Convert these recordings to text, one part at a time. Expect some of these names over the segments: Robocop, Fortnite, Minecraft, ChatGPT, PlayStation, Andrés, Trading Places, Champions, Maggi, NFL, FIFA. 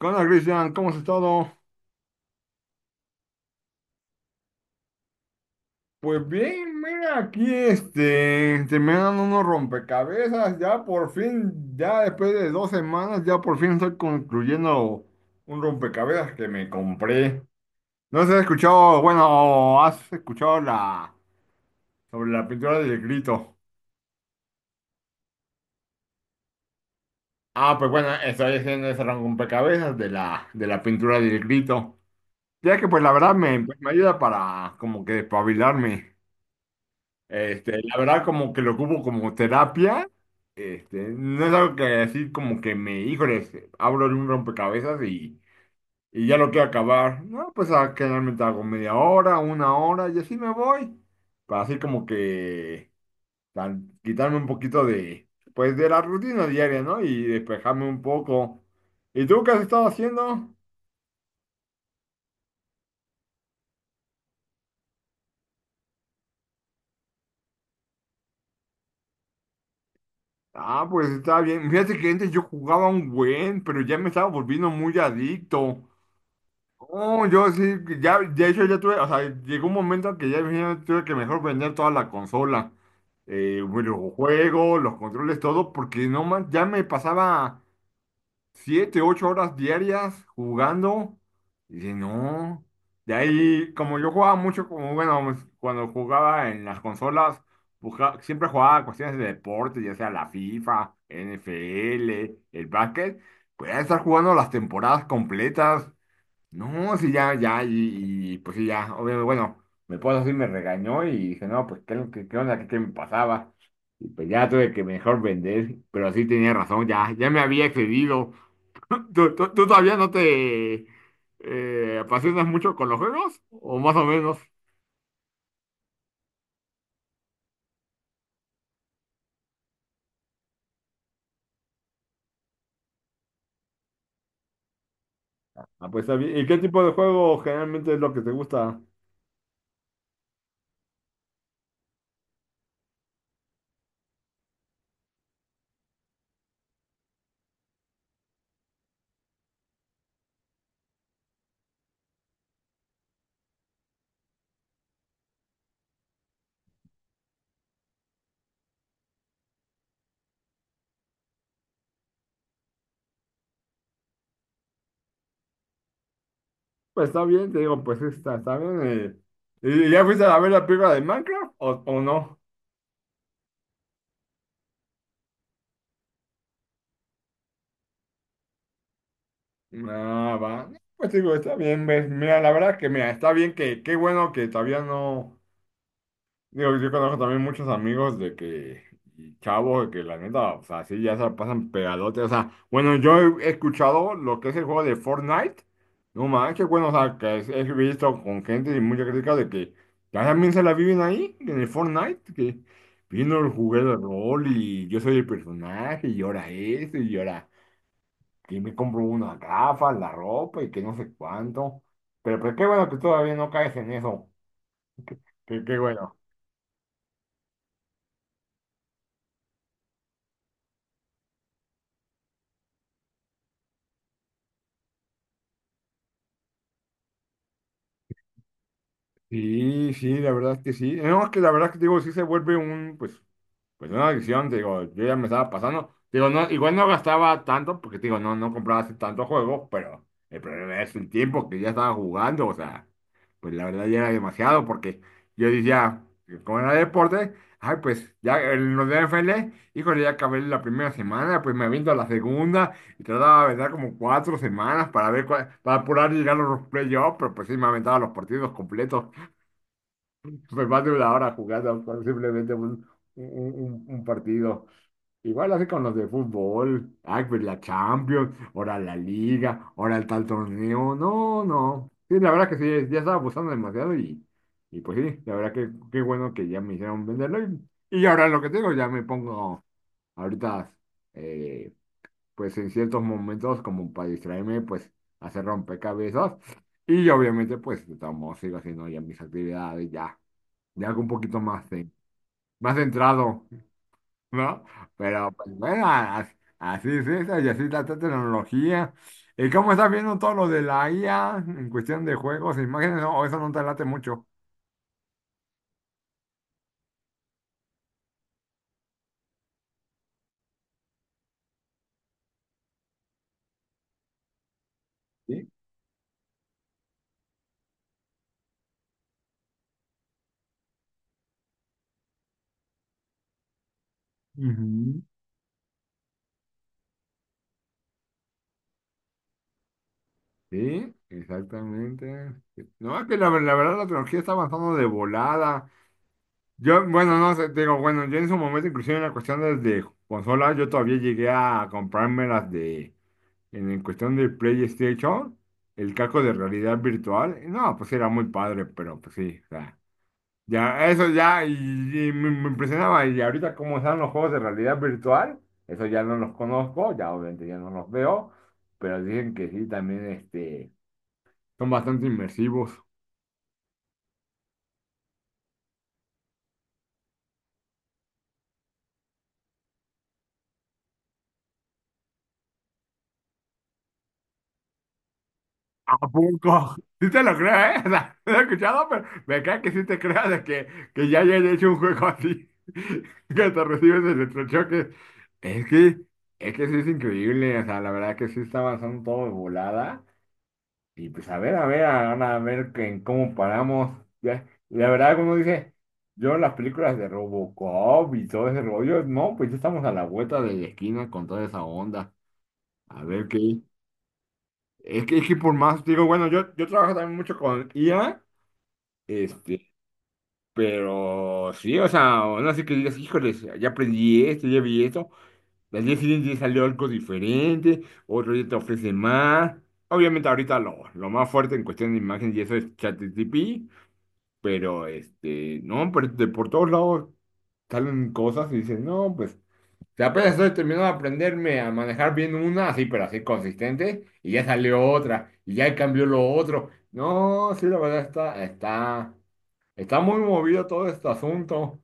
¿Qué onda, Cristian? ¿Cómo has estado? Pues bien, mira, aquí terminando unos rompecabezas, ya por fin, ya después de dos semanas, ya por fin estoy concluyendo un rompecabezas que me compré. No sé si has escuchado, bueno, has escuchado sobre la pintura del grito. Ah, pues bueno, estoy haciendo ese rompecabezas de la pintura del grito. Ya que pues la verdad me ayuda para como que despabilarme. La verdad, como que lo ocupo como terapia. Este, no es algo que decir como que híjoles, abro un rompecabezas y ya lo quiero acabar. No, pues a, generalmente hago media hora, una hora y así me voy. Para así como que tal, quitarme un poquito de, pues de la rutina diaria, ¿no? Y despejarme un poco. ¿Y tú qué has estado haciendo? Ah, pues está bien. Fíjate que antes yo jugaba un buen, pero ya me estaba volviendo muy adicto. No, yo sí, ya, de hecho ya tuve, o sea, llegó un momento en que ya imagínate, tuve que mejor vender toda la consola, los juegos, los controles, todo, porque no más, ya me pasaba 7, 8 horas diarias jugando, y dije, no, de ahí, como yo jugaba mucho, como bueno, pues, cuando jugaba en las consolas, siempre jugaba cuestiones de deporte, ya sea la FIFA, NFL, el básquet, podía estar jugando las temporadas completas. No, sí, ya, ya, pues sí, ya, obviamente, bueno, mi esposa sí me regañó y dije, no, pues qué, qué, qué onda, qué me pasaba. Y pues ya tuve que mejor vender, pero sí tenía razón, ya, ya me había excedido. ¿Tú todavía no te apasionas mucho con los juegos? ¿O más o menos? Ah, pues está bien. ¿Y qué tipo de juego generalmente es lo que te gusta? Pues está bien, te digo, pues está, está bien. Y ya fuiste a ver la película de Minecraft o no? Ah, va. Pues digo, está bien, ves. Mira, la verdad que, mira, está bien que, qué bueno que todavía no. Digo, yo conozco también muchos amigos de que, y chavos, de que la neta, o sea, sí, ya se la pasan pegadotes. O sea, bueno, yo he escuchado lo que es el juego de Fortnite. No manches, bueno, o sea, he visto con gente y mucha crítica de que ya también se la viven ahí, en el Fortnite, que vino el juguete de rol y yo soy el personaje y ahora esto y ahora y me compro unas gafas, la ropa y que no sé cuánto. Pero qué bueno que todavía no caes en eso. Qué bueno. Sí, sí, la verdad es que sí. No, es que la verdad es que digo, sí se vuelve un, pues, pues una adicción, te digo, yo ya me estaba pasando. Te digo, no, igual no gastaba tanto, porque te digo, no, no compraba así tanto juego, pero el problema es el tiempo que ya estaba jugando, o sea, pues la verdad ya era demasiado, porque yo decía, como era deporte, ay, pues ya en los de NFL, híjole, ya acabé la primera semana, pues me aviento a la segunda, y trataba de aventar como 4 semanas para ver para apurar y llegar a los playoffs, pero pues sí me aventaba los partidos completos, pues más de una hora jugando con simplemente un, un partido. Igual así con los de fútbol, ay, pues la Champions, ahora la Liga, ahora el tal torneo, no, no. Sí, la verdad que sí, ya estaba abusando demasiado y pues sí, la verdad que qué bueno que ya me hicieron venderlo y ahora lo que tengo ya me pongo ahorita, eh, pues en ciertos momentos como para distraerme, pues hacer rompecabezas y obviamente pues de todos modos sigo haciendo ya mis actividades, ya, ya algo un poquito más, más centrado. ¿No? Pero pues, bueno, así es eso, y así es la tecnología. ¿Y cómo estás viendo todo lo de la IA en cuestión de juegos e imágenes? ¿O eso no te late mucho? Sí, ujú. Sí, exactamente. No, es que la verdad la tecnología está avanzando de volada. Yo, bueno, no sé, te digo, bueno, yo en su momento, inclusive en la cuestión de consolas, yo todavía llegué a comprarme las de, en el cuestión de PlayStation, el casco de realidad virtual. No, pues era muy padre, pero pues sí, ya, eso ya, y me impresionaba. Y ahorita, como están los juegos de realidad virtual, eso ya no los conozco, ya obviamente ya no los veo, pero dicen que sí, también este, son bastante inmersivos. ¿A poco? Sí te lo creo, ¿eh? O sea, no lo he escuchado, pero me cae que sí te creas de que ya hayan hecho un juego así, que te recibes el electrochoque. Es que, es que sí es increíble, o sea, la verdad que sí está avanzando todo de volada. Y pues a ver, ahora a ver en cómo paramos. Ya, la verdad, como dice, yo las películas de Robocop y todo ese rollo, no, pues ya estamos a la vuelta de la esquina con toda esa onda. A ver qué. Es que por más, digo, bueno, yo trabajo también mucho con IA, este, pero sí, o sea, no sé qué digas, híjoles, ya aprendí esto, ya vi esto. Las 10 siguientes ya salió algo diferente, otro día te ofrece más. Obviamente ahorita lo más fuerte en cuestión de imagen y eso es ChatGPT, pero, este, no, pero de por todos lados salen cosas y dices, no, pues, si apenas estoy terminando de aprenderme a manejar bien una, así, pero así consistente, y ya salió otra, y ya cambió lo otro. No, sí, la verdad está, está, está muy movido todo este asunto,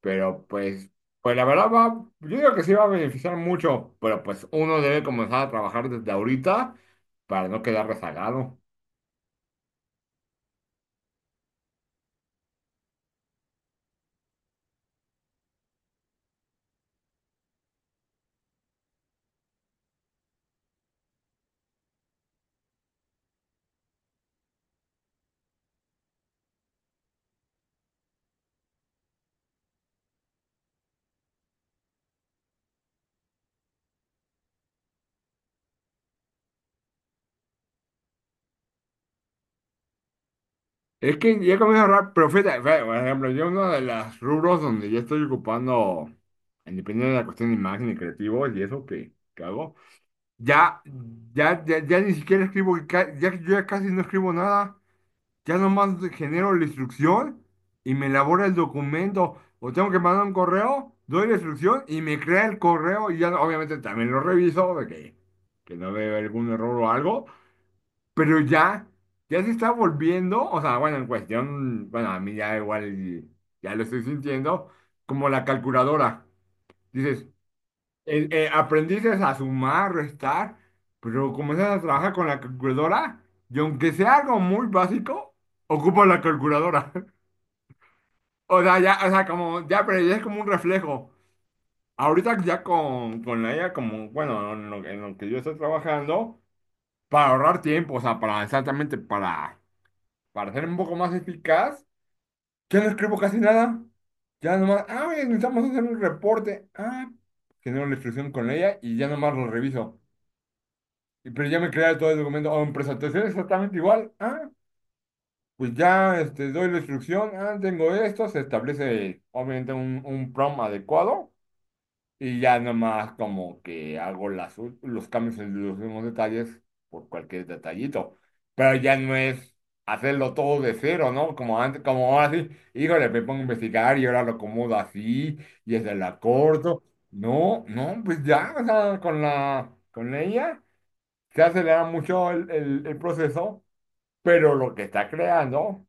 pero pues, pues la verdad va, yo digo que sí va a beneficiar mucho, pero pues uno debe comenzar a trabajar desde ahorita para no quedar rezagado. Es que ya comienzo a ahorrar, pero fíjate, fíjate, por ejemplo, yo uno de los rubros donde yo estoy ocupando, independientemente de la cuestión de imagen y creativos y eso que hago, ya, ya ni siquiera escribo, yo ya casi no escribo nada, ya nomás genero la instrucción y me elabora el documento, o tengo que mandar un correo, doy la instrucción y me crea el correo y ya obviamente también lo reviso de que no veo algún error o algo, pero ya, ya se está volviendo, o sea, bueno, en cuestión, bueno, a mí ya igual, ya lo estoy sintiendo, como la calculadora. Dices, aprendiste a sumar, restar, pero comienzas a trabajar con la calculadora y aunque sea algo muy básico, ocupa la calculadora. O sea, ya, o sea, como, ya, pero ya es como un reflejo. Ahorita ya con la IA, como, bueno, en en lo que yo estoy trabajando, para ahorrar tiempo, o sea, para exactamente para ser un poco más eficaz, ya no escribo casi nada. Ya nomás, ah, oye, necesitamos hacer un reporte. Ah, genero la instrucción con ella y ya nomás lo reviso. Y, pero ya me crea todo el documento. O en presentación exactamente igual. Ah, pues ya este, doy la instrucción. Ah, tengo esto. Se establece obviamente un prompt adecuado. Y ya nomás como que hago los cambios en los mismos detalles por cualquier detallito. Pero ya no es hacerlo todo de cero, ¿no? Como antes, como ahora sí, híjole, me pongo a investigar y ahora lo acomodo así y es la corto. No, no, pues ya, o sea, con con ella se acelera mucho el proceso, pero lo que está creando.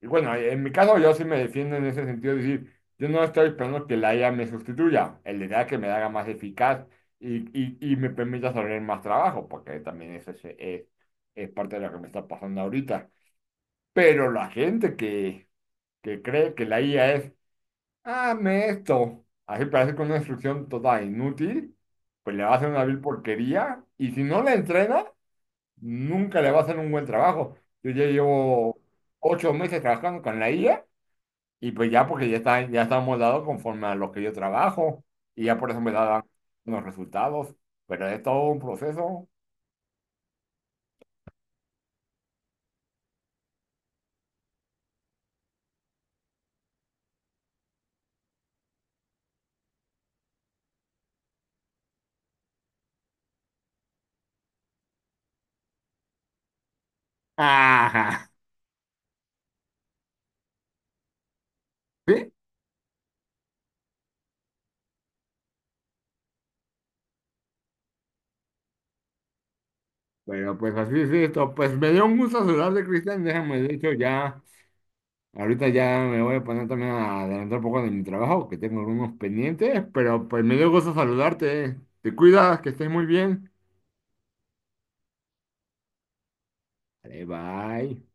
Y bueno, en mi caso yo sí me defiendo en ese sentido, es decir, yo no estoy esperando que la IA me sustituya, el idea es que me la haga más eficaz y me permita hacer más trabajo, porque también eso es parte de lo que me está pasando ahorita. Pero la gente que cree que la IA es, hazme esto, así parece con una instrucción total inútil, pues le va a hacer una vil porquería y si no la entrena, nunca le va a hacer un buen trabajo. Yo ya llevo 8 meses trabajando con la IA. Y pues ya, porque ya está moldado conforme a lo que yo trabajo y ya por eso me da los resultados, pero es todo un proceso. Ajá. Sí, pero pues así es esto. Pues me dio un gusto saludarte, Cristian. Déjame, de hecho, ya, ahorita ya me voy a poner también a adelantar un poco de mi trabajo, que tengo algunos pendientes, pero pues me dio gusto saludarte. Te cuidas, que estés muy bien. Vale, bye.